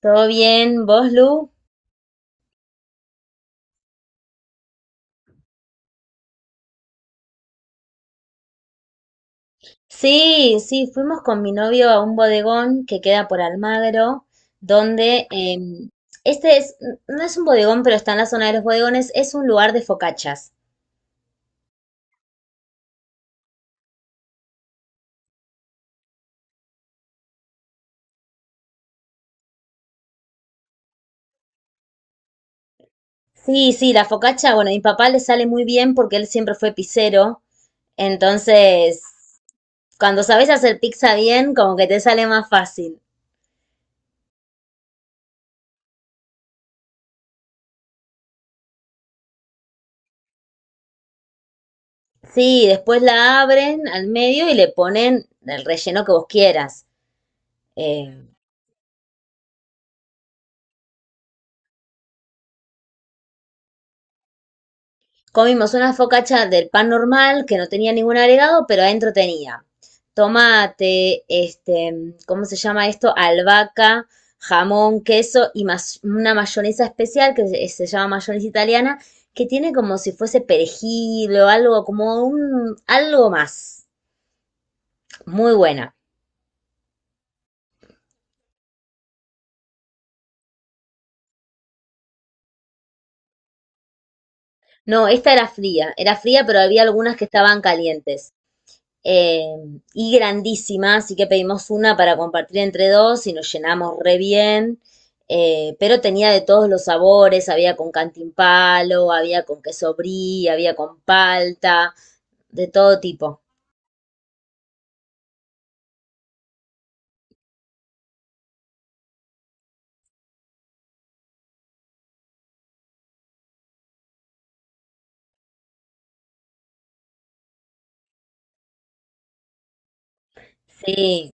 ¿Todo bien? ¿Vos, Lu? Sí, sí, fuimos con mi novio a un bodegón que queda por Almagro, donde este es, no es un bodegón, pero está en la zona de los bodegones, es un lugar de focachas. Sí, sí, la focacha, bueno, a mi papá le sale muy bien porque él siempre fue pizzero, entonces cuando sabes hacer pizza bien, como que te sale más fácil. Sí, después la abren al medio y le ponen el relleno que vos quieras. Eh, Comimos una focacha del pan normal que no tenía ningún agregado, pero adentro tenía tomate, este, ¿cómo se llama esto? Albahaca, jamón, queso y más una mayonesa especial que se llama mayonesa italiana, que tiene como si fuese perejil o algo, como un, algo más. Muy buena. No, esta era fría, pero había algunas que estaban calientes. eh, y grandísima, así que pedimos una para compartir entre dos y nos llenamos re bien. Pero tenía de todos los sabores, había con cantimpalo, había con queso brie, había con palta, de todo tipo. Sí,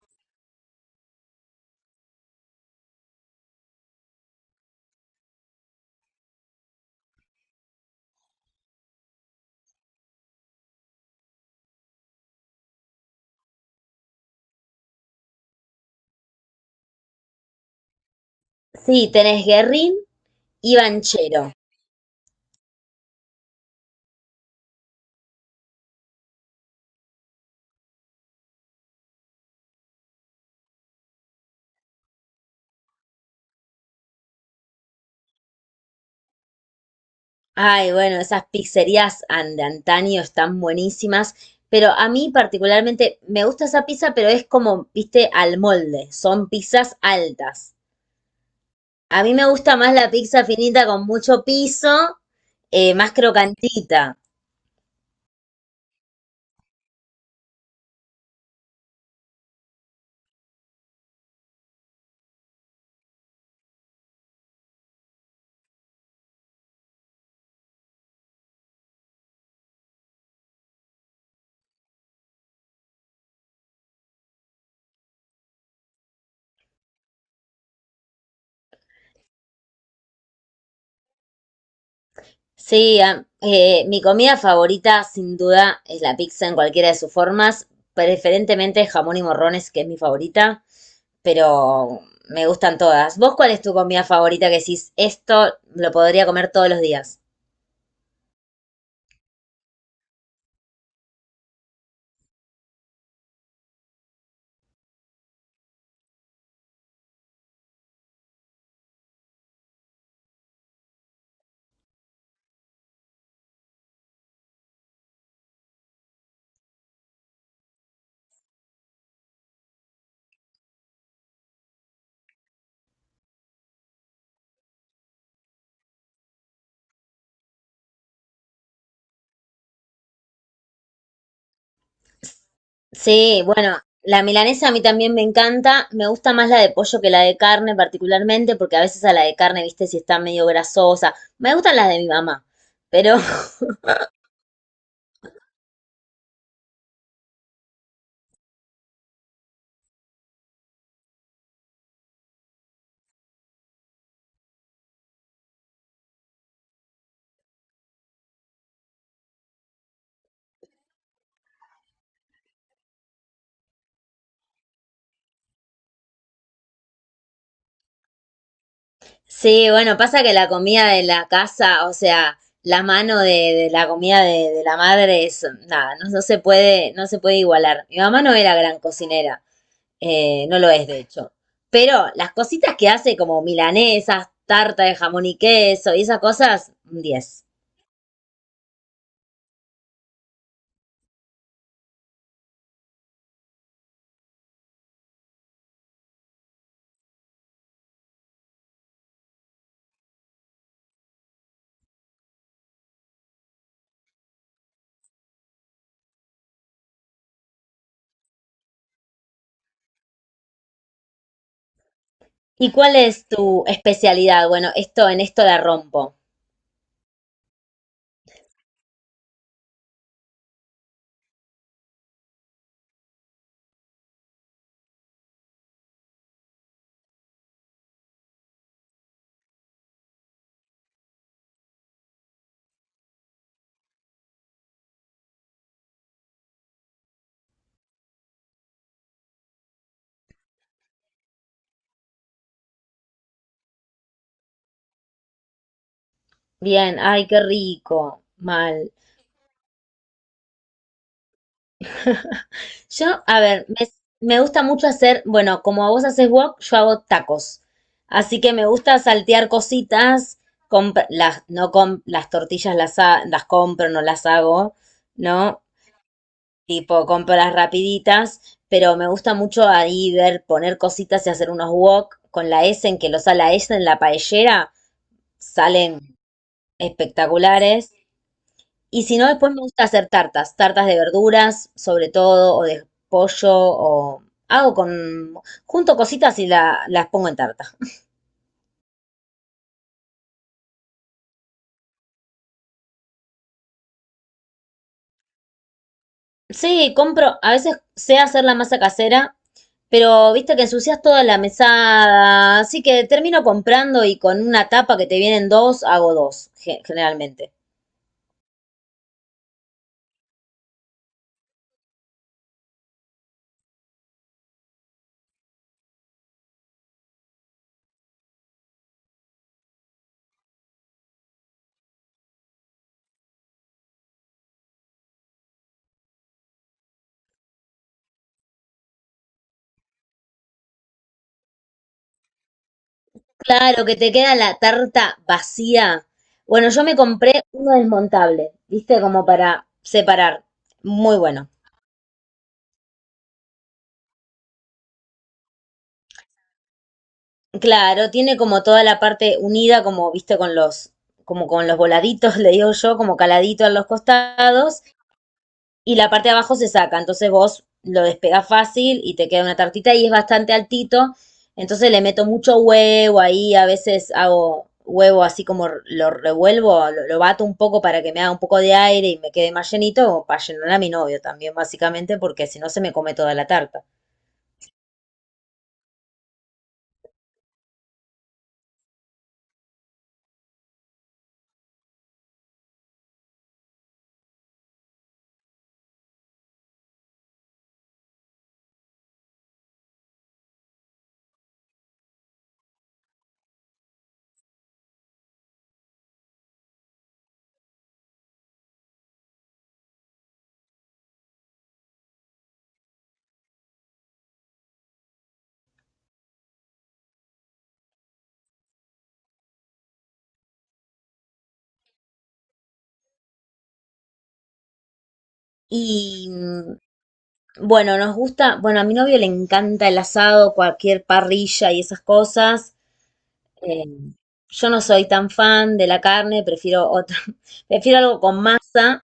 sí, tenés Guerrín y Banchero. Ay, bueno, esas pizzerías de antaño están buenísimas, pero a mí particularmente me gusta esa pizza, pero es como, viste, al molde, son pizzas altas. A mí me gusta más la pizza finita con mucho piso, más crocantita. Sí, mi comida favorita sin duda es la pizza en cualquiera de sus formas, preferentemente jamón y morrones, que es mi favorita, pero me gustan todas. ¿Vos cuál es tu comida favorita que decís, esto lo podría comer todos los días? Sí, bueno, la milanesa a mí también me encanta. Me gusta más la de pollo que la de carne particularmente, porque a veces a la de carne, viste, si está medio grasosa. Me gustan las de mi mamá. Pero sí, bueno, pasa que la comida de la casa, o sea, la mano de la comida de la madre es nada, no, no se puede, no se puede igualar. Mi mamá no era gran cocinera, no lo es de hecho. Pero las cositas que hace como milanesas, tarta de jamón y queso y esas cosas, un 10. ¿Y cuál es tu especialidad? Bueno, esto en esto la rompo. Bien, ay, qué rico. Mal. Yo, a ver, me gusta mucho hacer, bueno, como vos haces wok, yo hago tacos. Así que me gusta saltear cositas, comp- las, no com- las tortillas las compro, no las hago, ¿no? Tipo, compro las rapiditas, pero me gusta mucho ahí ver, poner cositas y hacer unos wok con la S en que los a la S en la paellera, salen espectaculares. Y si no, después me gusta hacer tartas, tartas de verduras, sobre todo, o de pollo, hago con, junto cositas y las pongo en tartas. Sí, compro, a veces sé hacer la masa casera, pero viste que ensucias toda la mesada, así que termino comprando y con una tapa que te vienen dos, hago dos, generalmente. Claro, que te queda la tarta vacía. Bueno, yo me compré uno desmontable, viste, como para separar. Muy bueno. Claro, tiene como toda la parte unida, como viste, como con los voladitos, le digo yo, como caladito en los costados, y la parte de abajo se saca. Entonces vos lo despegás fácil y te queda una tartita y es bastante altito. Entonces le meto mucho huevo ahí, a veces hago huevo así como lo revuelvo, lo bato un poco para que me haga un poco de aire y me quede más llenito, o para llenar a mi novio también, básicamente, porque si no se me come toda la tarta. Y mm, Bueno, nos gusta, bueno, a mi novio le encanta el asado, cualquier parrilla y esas cosas. Eh, yo no soy tan fan de la carne, prefiero otra, prefiero algo con masa,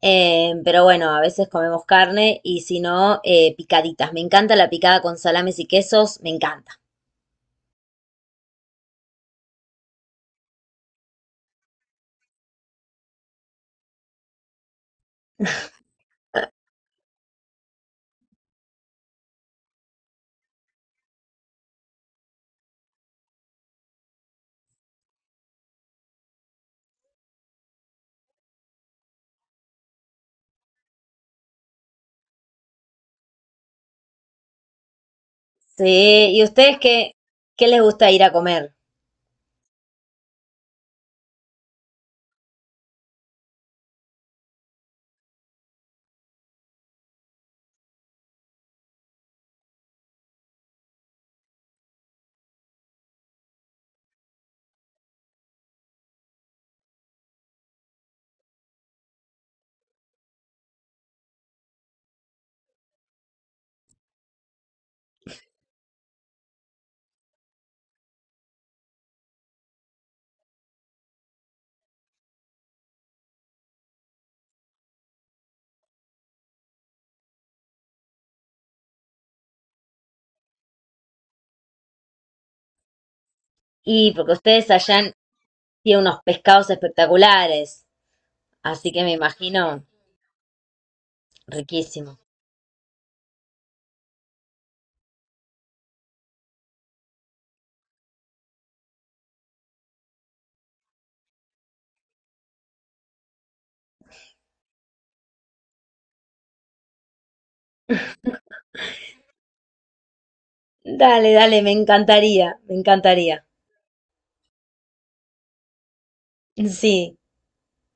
pero bueno, a veces comemos carne y si no, picaditas. Me encanta la picada con salames y quesos, me encanta. Sí, ¿y ustedes qué, qué les gusta ir a comer? Y porque ustedes allá tienen unos pescados espectaculares, así que me imagino riquísimo. Dale, dale, me encantaría, me encantaría. Sí.